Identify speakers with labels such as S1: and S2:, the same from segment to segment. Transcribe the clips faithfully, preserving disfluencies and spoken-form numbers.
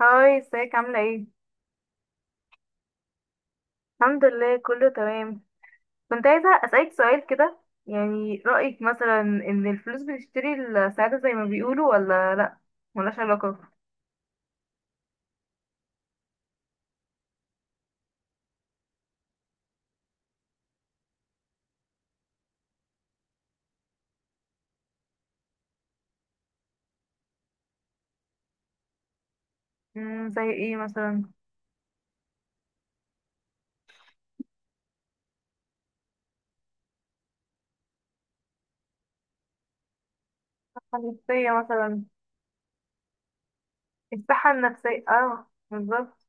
S1: هاي ازيك عاملة ايه؟ الحمد لله كله تمام. كنت عايزة أسألك سؤال كده. يعني رأيك مثلا إن الفلوس بتشتري السعادة زي ما بيقولوا ولا لأ؟ ملهاش علاقة. مم، زي ايه مثلا؟ النفسية مثلا. الصحة النفسية، اه، بالظبط.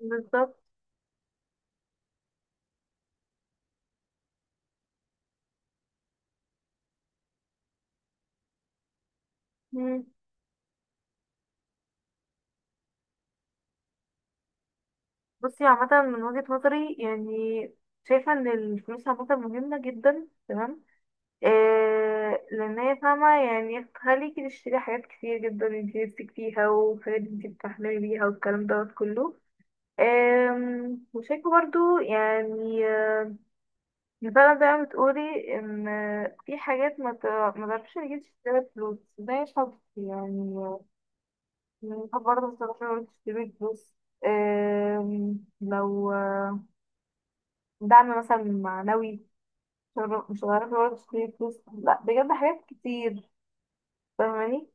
S1: بالظبط. مم. بصي عامة من وجهة نظري يعني، شايفة إن الفلوس عامة مهمة جدا، تمام. إيه لان هي فاهمة يعني هخليكي تشتري حاجات كتير جدا انتي نفسك فيها وحاجات انتي بتحلمي بيها والكلام دوت كله. أم، وشايفة برضو يعني آه، فعلا زي ما بتقولي ان آه، في حاجات ما ت- ما تعرفش تجيب تشتري فلوس، ده مش حب يعني آه، يعني الحب برضه ما تعرفش تشتري فلوس. أم، لو آه، دعم مثلا معنوي، مش هتعرفي برضه تشتري فلوس لا بجد، حاجات كتير. فاهماني؟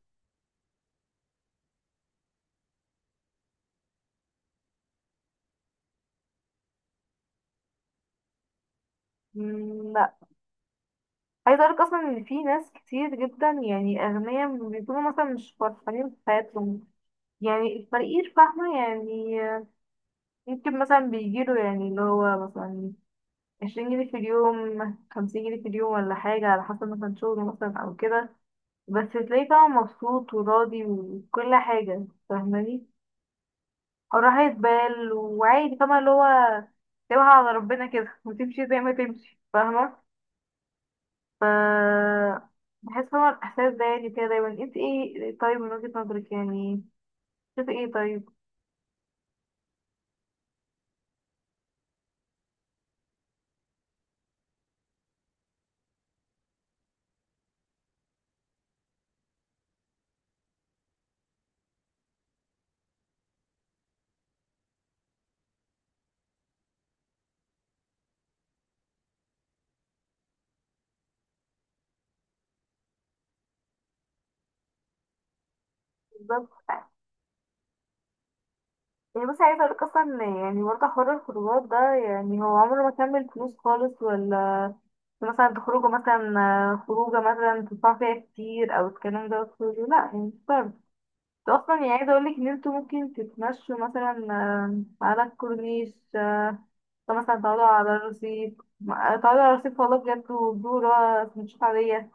S1: مم، لا، عايزة أقولك أصلا إن في ناس كتير جدا يعني أغنياء بيكونوا مثلا مش فرحانين في حياتهم. يعني الفقير فاهمة يعني ممكن مثلا بيجيله يعني اللي هو مثلا عشرين جنيه في اليوم، خمسين جنيه في اليوم ولا حاجة، على حسب مثلا شغله مثلا أو كده، بس تلاقيه فاهمة مبسوط وراضي وكل حاجة. فاهماني؟ وراحة بال وعادي، فاهمة اللي هو سيبها على ربنا كده وتمشي زي ما تمشي، فاهمة. ف بحس هو الإحساس ده يعني كده دايما، انت ايه طيب من وجهة نظرك يعني، شوفي ايه طيب. بالظبط. يعني بس عايزة اقولك اصلا يعني برضه حوار الخروجات ده يعني هو عمره ما كمل فلوس خالص، ولا مثلا تخرجوا مثلا آه، خروجة مثلا تدفعوا فيها كتير او الكلام ده كله، لا يعني مش شرط. انتوا اصلا يعني عايزة اقولك ان انتوا ممكن تتمشوا مثلا آه، على الكورنيش آه، مثلا تقعدوا على الرصيف، تقعدوا على الرصيف والله بجد، وبيقولوا سندوتشات عادية،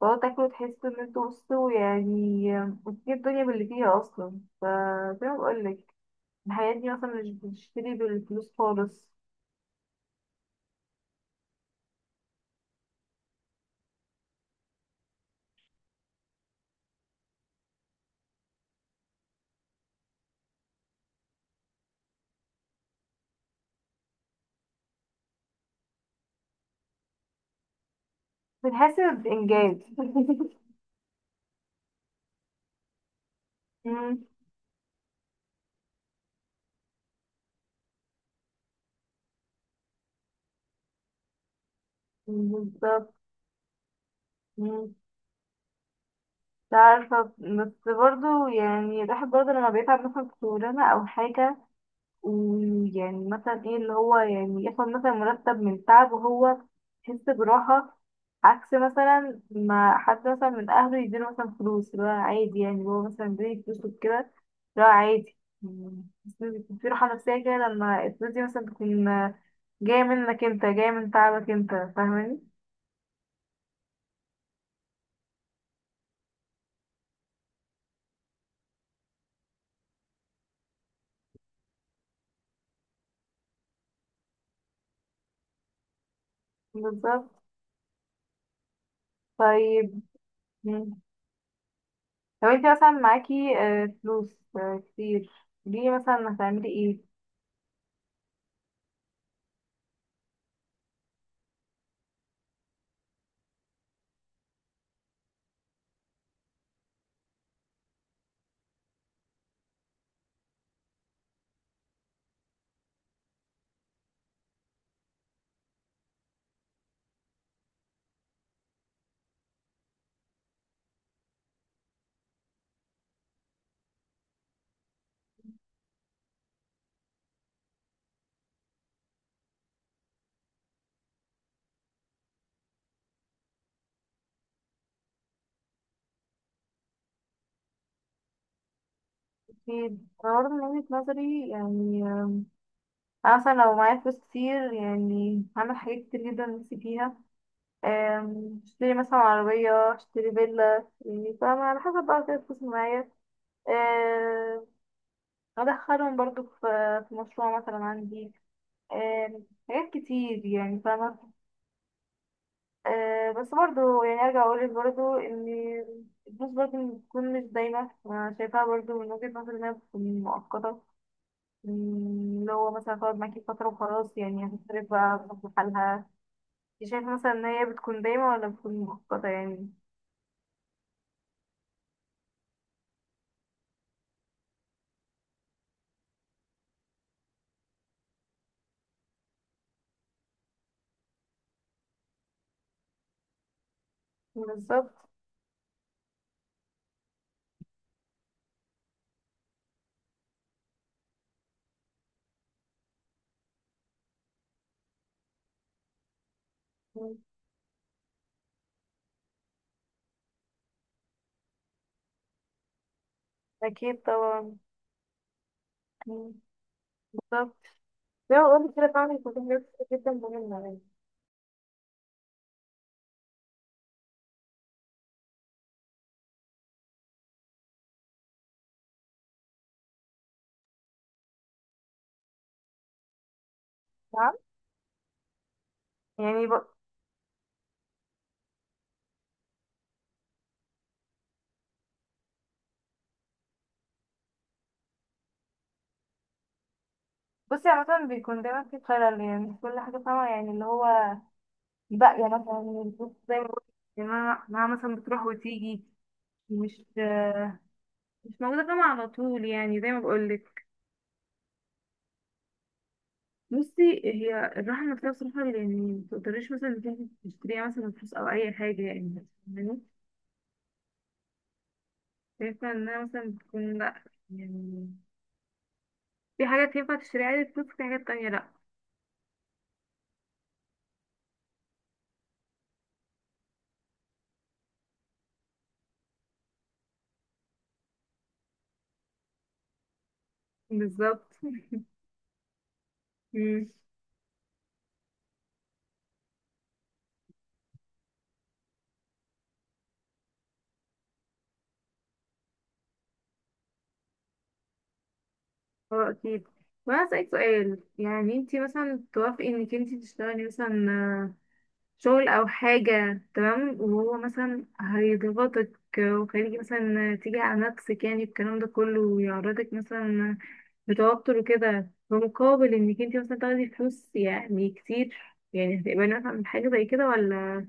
S1: تقعد تاكل وتحس ان انتوا بصوا يعني، وتجيب الدنيا باللي فيها اصلا. فزي ما بقولك، الحياة دي مثلا مش بتشتري بالفلوس خالص. بتحس بإنجاز. مم، بالظبط. مم، مش عارفة بس برضه يعني الواحد برضه لما بيتعب مثلا في شغلانة أو حاجة، ويعني مثلا ايه اللي هو يعني ياخد مثلا مرتب من تعب، وهو يحس براحة، عكس مثلا ما حد مثلا من أهله يديله مثلا فلوس اللي هو عادي، يعني هو مثلا بيديله فلوس وكده اللي هو عادي، يعني بس بيكون في راحة نفسية كده لما الفلوس دي مثلا تكون جاية منك انت، جاية من تعبك انت، فاهماني؟ بالظبط. طيب. مم. لو انت مثلا معاكي آه، فلوس آه، كتير، دي مثلا هتعملي ايه؟ في برضه من وجهة نظري يعني، أنا مثلا لو معايا فلوس كتير يعني هعمل حاجات كتير جدا نفسي فيها. أم، اشتري مثلا عربية، اشتري فيلا، يعني فاهمة على حسب بقى كده الفلوس اللي معايا. أم، أدخلهم برضو في في مشروع مثلا عندي. أم، حاجات كتير يعني، فاهمة. أه، بس برضو يعني أرجع أقولك برضو إن الفلوس برضو بتكون مش دايما، أنا شايفاها برضو من وجهة نظري إنها بتكون مؤقتة. أم، اللي هو مثلا تقعد معاكي فترة وخلاص، يعني هتصرف بقى بحالها. شايف مثلا ان هي بتكون دايمة ولا بتكون مؤقتة يعني؟ بالظبط. مم. اكيد طبعا. مم. بالظبط، زي ما قلت كده فعلا بيكون في حاجات كتير جدا مهمة يعني. نعم. يعني ب... بصي عامة بيكون دايما في خلل يعني في كل حاجة، فاهمة يعني اللي هو باقية مثلا الفلوس زي ما قلت، يعني أنا- انها مثلا بتروح وتيجي، مش مش موجودة فاهمة على طول، يعني زي ما بقولك. بصي، هي الراحة النفسية بصراحة يعني متقدريش مثلا إنك إنتي تشتريها مثلا بفلوس أو أي حاجة، يعني فاهماني؟ شايفة انها مثلا بتكون لأ يعني، في حاجات ينفع تشتريها عادي بفلوس، وفي حاجات تانية لأ. بالظبط. مم. اه أكيد. وأنا أسألك سؤال، يعني انتي مثلا توافقي انك انتي تشتغلي مثلا آه، شغل أو حاجة تمام وهو مثلا هيضغطك وخليكي مثلا تيجي على نفسك يعني الكلام ده كله، ويعرضك مثلا لتوتر وكده، بمقابل انك انتي مثلا تاخدي فلوس يعني كتير، يعني هتقبلي مثلا من حاجة زي كده ولا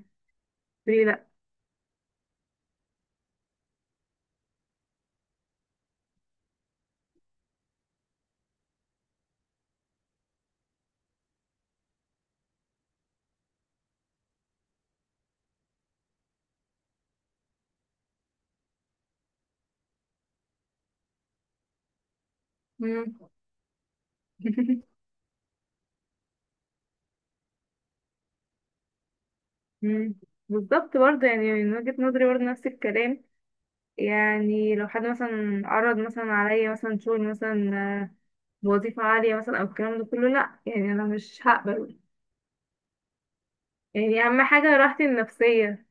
S1: تقولي لأ؟ مم. مم. بالظبط، برضه يعني من وجهة نظري برضه نفس الكلام. يعني لو حد مثلا عرض مثلا عليا مثلا شغل مثلا آه، بوظيفة عالية مثلا أو الكلام ده كله، لأ يعني أنا مش هقبل. يعني أهم حاجة راحتي النفسية.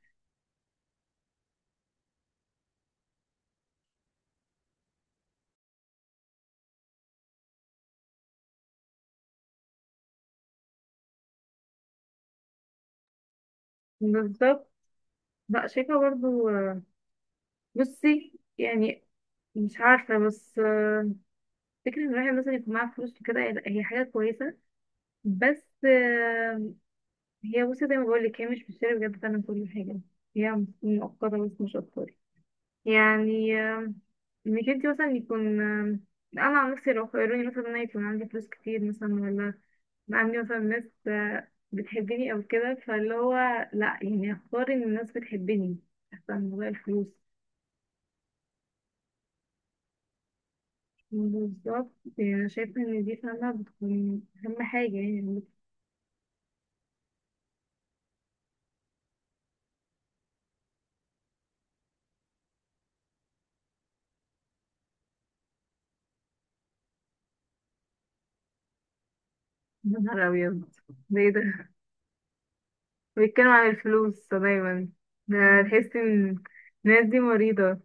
S1: بالظبط. لأ، شايفة برضه آه، بصي يعني مش عارفة بس آه، فكرة إن الواحد مثلا يكون معاه فلوس وكده، هي لأ، هي حاجة كويسة، بس آه، هي بصي زي ما بقولك هي مش بتشتري بجد فعلا كل حاجة، هي مؤقتة بس مش أكتر. يعني آه، انك انت مثلا يكون آه، انا عن نفسي لو خيروني مثلا إن انا يكون عندي فلوس كتير مثلا، ولا يبقى عندي مثلا ناس آه، بتحبني او كده، فاللي هو لا، يعني اختار ان الناس بتحبني احسن من غير الفلوس. بالظبط. يعني انا شايفه ان دي فعلا بتكون اهم حاجه يعني. يا نهار ابيض! ده ايه ده؟ بيتكلم عن الفلوس دايما؟ ده تحس ان الناس دي مريضه.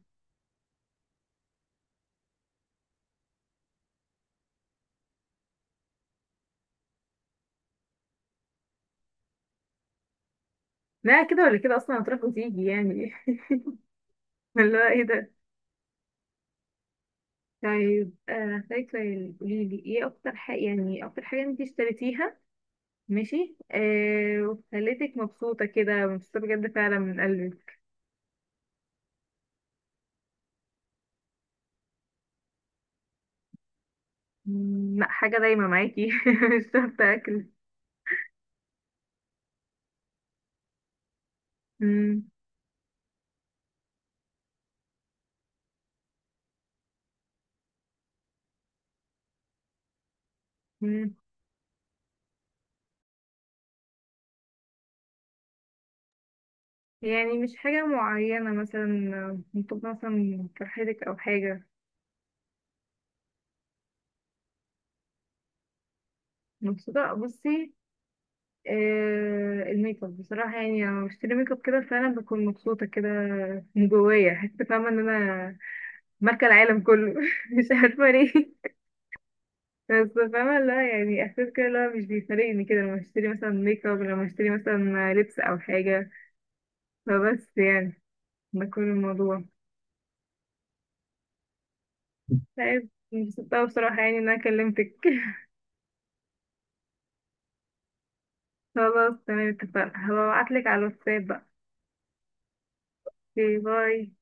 S1: لا كده ولا كده، اصلا هتروح وتيجي يعني. اللي هو ايه ده. طيب، آه فاكرة يعني قولي لي ايه اكتر حاجة يعني اكتر حاجة انت اشتريتيها، ماشي، آه وخلتك مبسوطة كده، مبسوطة بجد فعلا من قلبك؟ مم، لا حاجة دايما معاكي. مش شرط اكل. مم. مم، يعني مش حاجة معينة مثلا آه، ممكن مثلا فرحتك او حاجة، مبسوطة. بصي آه الميك اب بصراحة، يعني لما بشتري ميك اب كده فعلا بكون مبسوطة كده من جوايا، حاسة فاهمة ان انا ماركة العالم كله. مش عارفة ليه، بس فاهمة لا يعني احساس كده اللي هو مش بيفارقني كده لما اشتري مثلا ميك اب، لما اشتري مثلا لبس او حاجة، فبس يعني ده كل الموضوع. طيب، انبسطت اوي بصراحة يعني ان انا كلمتك. خلاص تمام، اتفقنا، هبعتلك على الواتساب بقى. اوكي، باي.